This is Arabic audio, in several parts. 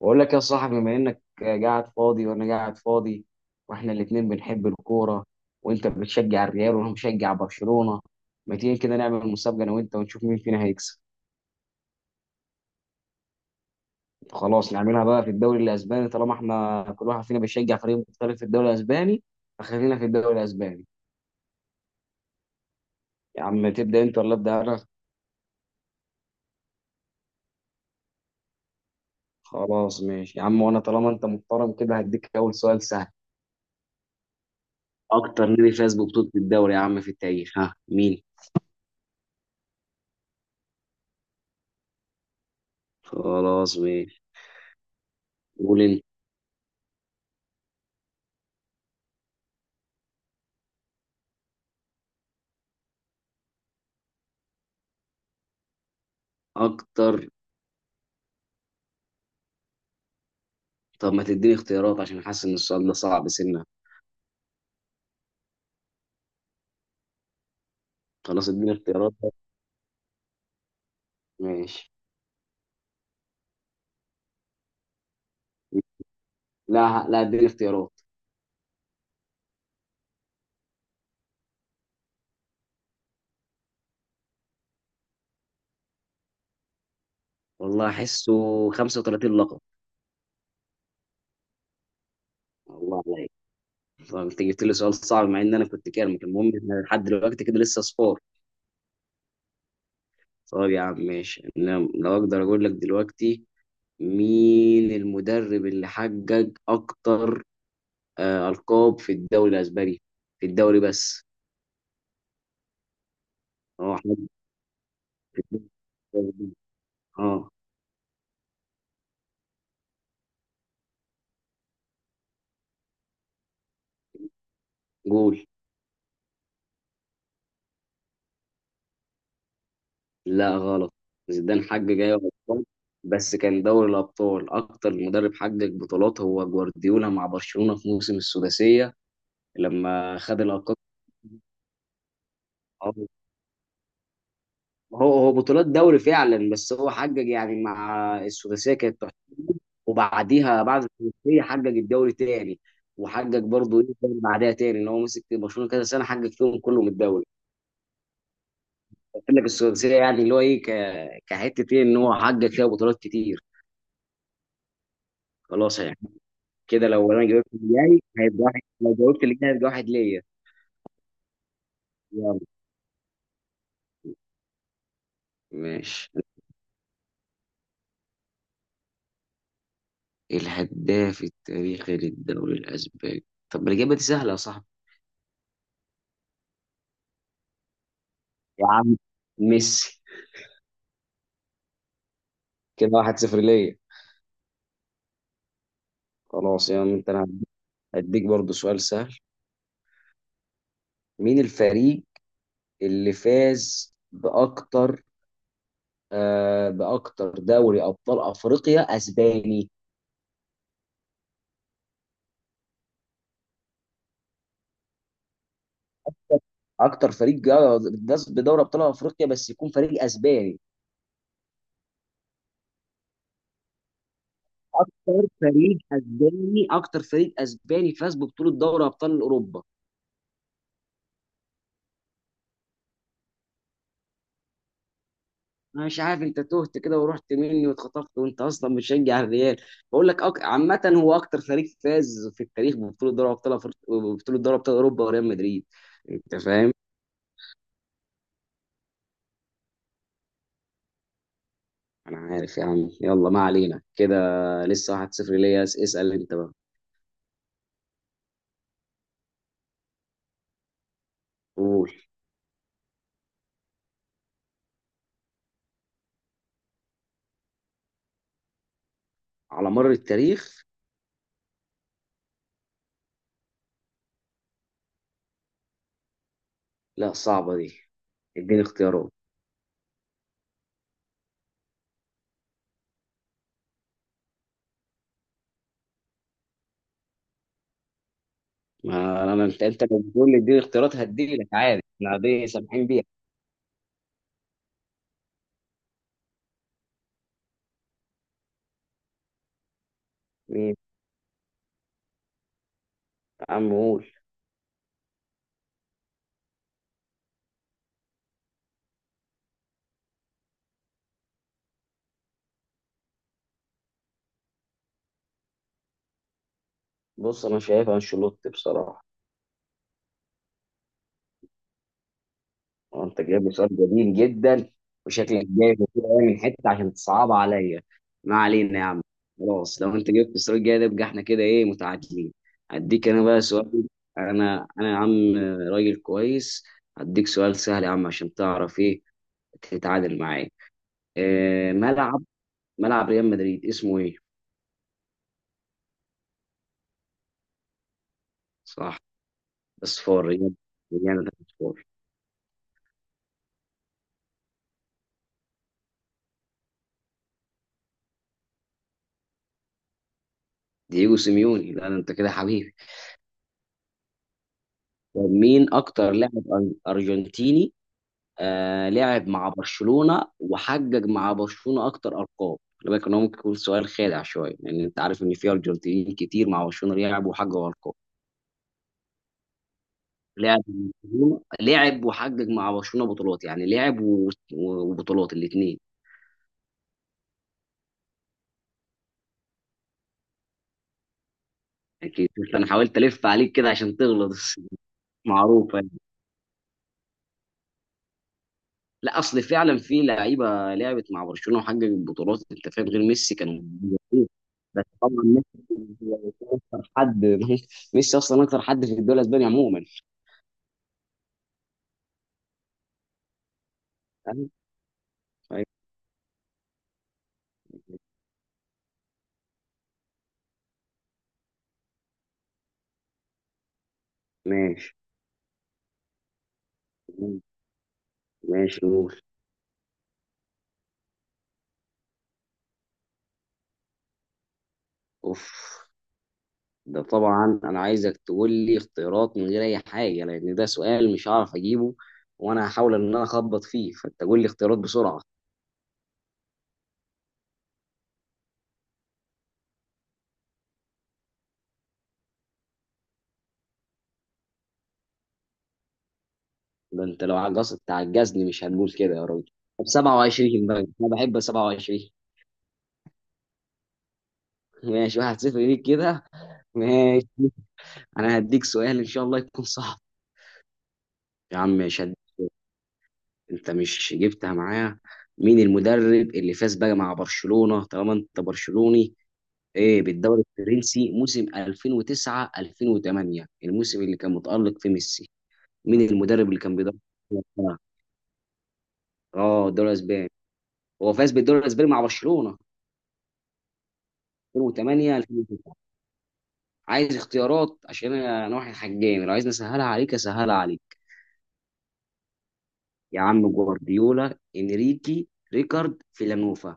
بقول لك يا صاحبي، بما انك قاعد فاضي وانا قاعد فاضي، واحنا الاتنين بنحب الكوره، وانت بتشجع الريال وانا مشجع برشلونه. ما تيجي كده نعمل مسابقه انا وانت ونشوف مين فينا هيكسب؟ خلاص نعملها بقى في الدوري الاسباني، طالما احنا كل واحد فينا بيشجع فريق مختلف في الدوري الاسباني، فخلينا في الدوري الاسباني. يا عم تبدا انت ولا ابدا انا؟ خلاص ماشي يا عم، وانا طالما انت محترم كده هديك اول سؤال سهل. اكتر نادي فاز ببطوله الدوري يا عم في التاريخ، ها مين؟ خلاص ماشي. قول انت. اكتر. طب ما تديني اختيارات عشان حاسس ان السؤال ده صعب، سنة. خلاص اديني اختيارات. ماشي. لا لا، اديني اختيارات. والله احسه 35 لقب. والله عليك. طب انت جبت لي سؤال صعب مع ان انا كنت كارمك. المهم احنا لحد دلوقتي كده لسه صفار. طب يا عم ماشي، انا لو اقدر اقول لك دلوقتي مين المدرب اللي حقق اكتر، القاب في الدوري الاسباني، في الدوري بس. اه حقق. اه. قول. لا غلط. زيدان حقق ايوه بطولات، بس كان دوري الابطال. اكتر مدرب حقق بطولات هو جوارديولا مع برشلونه في موسم السداسيه لما خد الالقاب. هو بطولات دوري فعلا، بس هو حقق يعني مع السداسيه كانت تحفة. وبعديها بعد السداسيه حقق الدوري تاني، وحقق برضه ايه تاني بعدها تاني، ان هو مسك برشلونه كذا سنه حقق فيهم كلهم الدوري. قلت لك السداسيه يعني اللي هو ايه كحته، ايه، ان هو حقق فيها بطولات كتير. خلاص يعني. كده لو انا جاوبت اللي جاي هيبقى واحد، لو جاوبت اللي جاي هيبقى واحد ليا. يلا. ماشي. الهداف التاريخي للدوري الأسباني؟ طب ما الإجابة دي سهلة يا صاحبي. يا عم ميسي. كده واحد صفر ليا. خلاص يا عم، انت انا هديك برضو سؤال سهل. مين الفريق اللي فاز بأكتر، بأكتر دوري أبطال أفريقيا أسباني. أكتر فريق جا- فاز بدوري أبطال أفريقيا بس يكون فريق أسباني. اكتر فريق اسباني، اكتر فريق اسباني فاز ببطوله دوري ابطال اوروبا. انا مش عارف انت تهت كده ورحت مني واتخطفت، وانت اصلا بتشجع الريال. بقول لك عامه هو اكتر فريق فاز في التاريخ ببطوله دوري ببطوله دوري ابطال اوروبا وريال مدريد. انت فاهم؟ انا عارف يا عم، يلا ما علينا كده. لسه 1-0 ليا. اسال انت بقى. قول. على مر التاريخ. لا صعبه دي، اديني اختيارات. ما انا انت، لو بتقول لي اديني اختيارات هديلك عادي، احنا دي سامحين بيها. عم قول. بص انا شايف انشيلوتي بصراحه. هو انت جايب لي سؤال جميل جدا، وشكلك جايب كتير قوي من حته عشان تصعب عليا. ما علينا يا عم. خلاص لو انت جبت السؤال الجاي ده، يبقى احنا كده ايه، متعادلين. هديك انا بقى سؤال. انا يا عم راجل كويس، هديك سؤال سهل يا عم عشان تعرف ايه، تتعادل معايا. إيه ملعب، ملعب ريال مدريد اسمه ايه؟ صح. اصفار ريال، ريال ده اصفار. دييجو سيميوني، لا ده انت كده حبيبي. طب مين اكتر لاعب ارجنتيني، لعب مع برشلونة وحقق مع برشلونة اكتر ارقام. خلي بالك ان هو ممكن يكون سؤال خادع شويه، لان انت عارف ان في ارجنتينيين كتير مع برشلونة لعبوا وحققوا ارقام. لعب، لعب وحقق مع برشلونة بطولات، يعني لعب وبطولات الاثنين. اكيد. انا حاولت الف عليك كده عشان تغلط معروفة. لا اصل فعلا في لعيبه لعبت مع برشلونه وحققت بطولات انت فاهم، غير ميسي كانوا موجودين. بس طبعا ميسي هو اكتر حد ميسي اصلا اكتر حد في الدوري الاسباني عموما. فاهم؟ طيب. ماشي. ماشي قول. اوف. ده طبعا انا عايزك تقول لي اختيارات من غير اي حاجه، لان ده سؤال مش هعرف اجيبه، وانا هحاول ان انا اخبط فيه، فانت قول لي اختيارات بسرعه. ده انت لو عجزت تعجزني مش هنقول كده يا راجل. طب 27 بقى، انا بحب 27. ماشي، واحد صفر ليك كده. ماشي. انا هديك سؤال ان شاء الله يكون صعب. يا عم مش هد... انت مش جبتها معايا. مين المدرب اللي فاز بقى مع برشلونة طالما انت برشلوني، ايه، بالدوري الفرنسي موسم 2009 2008، الموسم اللي كان متألق فيه ميسي؟ مين المدرب اللي كان بيدرب برشلونة؟ اه الدوري الاسباني. هو فاز بالدوري الاسباني مع برشلونة 2008 2009. عايز اختيارات عشان انا واحد حجامي، لو عايز اسهلها عليك اسهلها عليك. يا عم، جوارديولا، انريكي، ريكارد، فيلانوفا.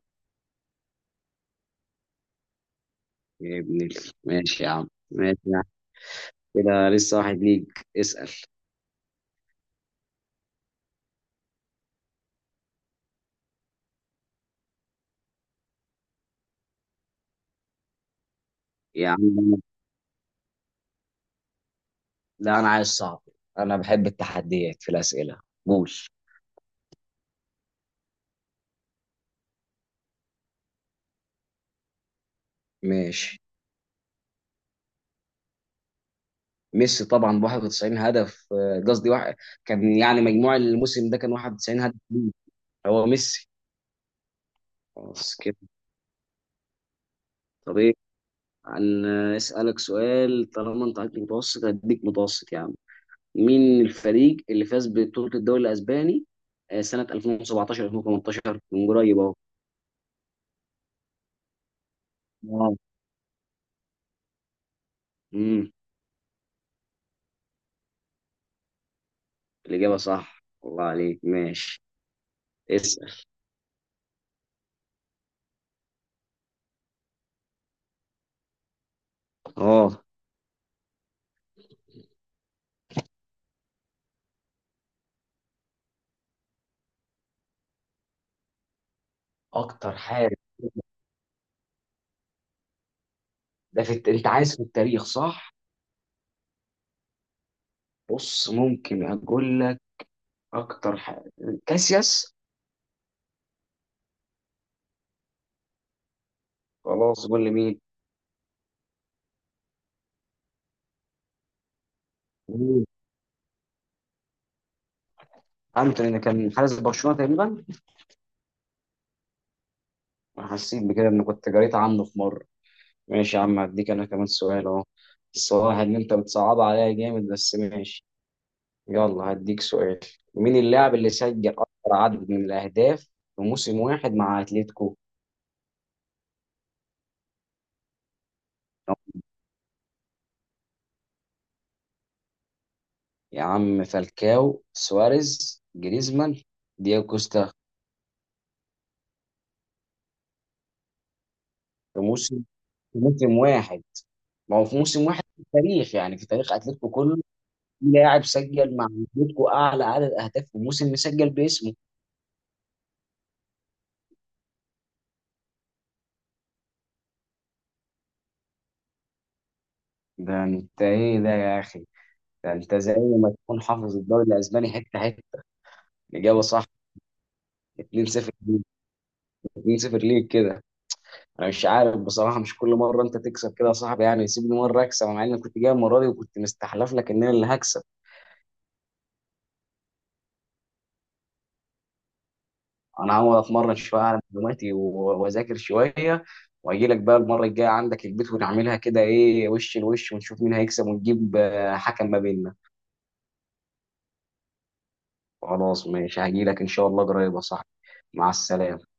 ماشي يا عم، ماشي يا عم. كده لسه واحد ليك. اسأل. يا عم لا انا عايز صعب، انا بحب التحديات في الأسئلة. قول. ماشي. ميسي طبعا ب 91 هدف، قصدي واحد، كان يعني مجموع الموسم ده كان 91 هدف ليه. هو ميسي. خلاص كده. طب ايه، اسالك سؤال، طالما انت عندك متوسط هديك متوسط يعني. من الفريق اللي فاز ببطولة الدوري الأسباني، سنة 2017 2018، من قريب أهو؟ واو. امم. الإجابة صح الله عليك. ماشي. اسأل. اه. أكتر حاجة. ده في أنت عايز في التاريخ صح؟ بص ممكن أقول لك أكتر حاجة، كاسياس. خلاص قول لي مين؟ مين؟ أنتوني اللي كان حارس برشلونة تقريبا. أنا حسيت بكده إن كنت قريت عنه في مرة. ماشي يا عم، هديك أنا كمان سؤال أهو، بس هو واحد إن أنت بتصعب عليا جامد بس ماشي. يلا هديك سؤال. مين اللاعب اللي سجل أكثر عدد من الأهداف في موسم واحد مع أتلتيكو؟ يا عم، فالكاو، سواريز، جريزمان، دياغو كوستا. في موسم، في موسم واحد. ما هو في موسم واحد في التاريخ يعني، في تاريخ أتلتيكو كله. في لاعب سجل مع أتلتيكو أعلى عدد أهداف في موسم مسجل باسمه. ده أنت إيه ده يا أخي؟ ده أنت زي ما تكون حافظ الدوري الأسباني حتة حتة. الإجابة صح. 2-0 ليك. 2-0 ليك كده. انا مش عارف بصراحه، مش كل مره انت تكسب كده يا صاحبي يعني، سيبني مره اكسب مع اني كنت جاي المره دي وكنت مستحلف لك ان انا اللي هكسب. انا هقعد اتمرن شويه على معلوماتي واذاكر شويه، واجي لك بقى المره الجايه عندك البيت ونعملها كده ايه، وش لوش، ونشوف مين هيكسب، ونجيب حكم ما بيننا. خلاص ماشي، هجي لك ان شاء الله قريب يا صاحبي. مع السلامه.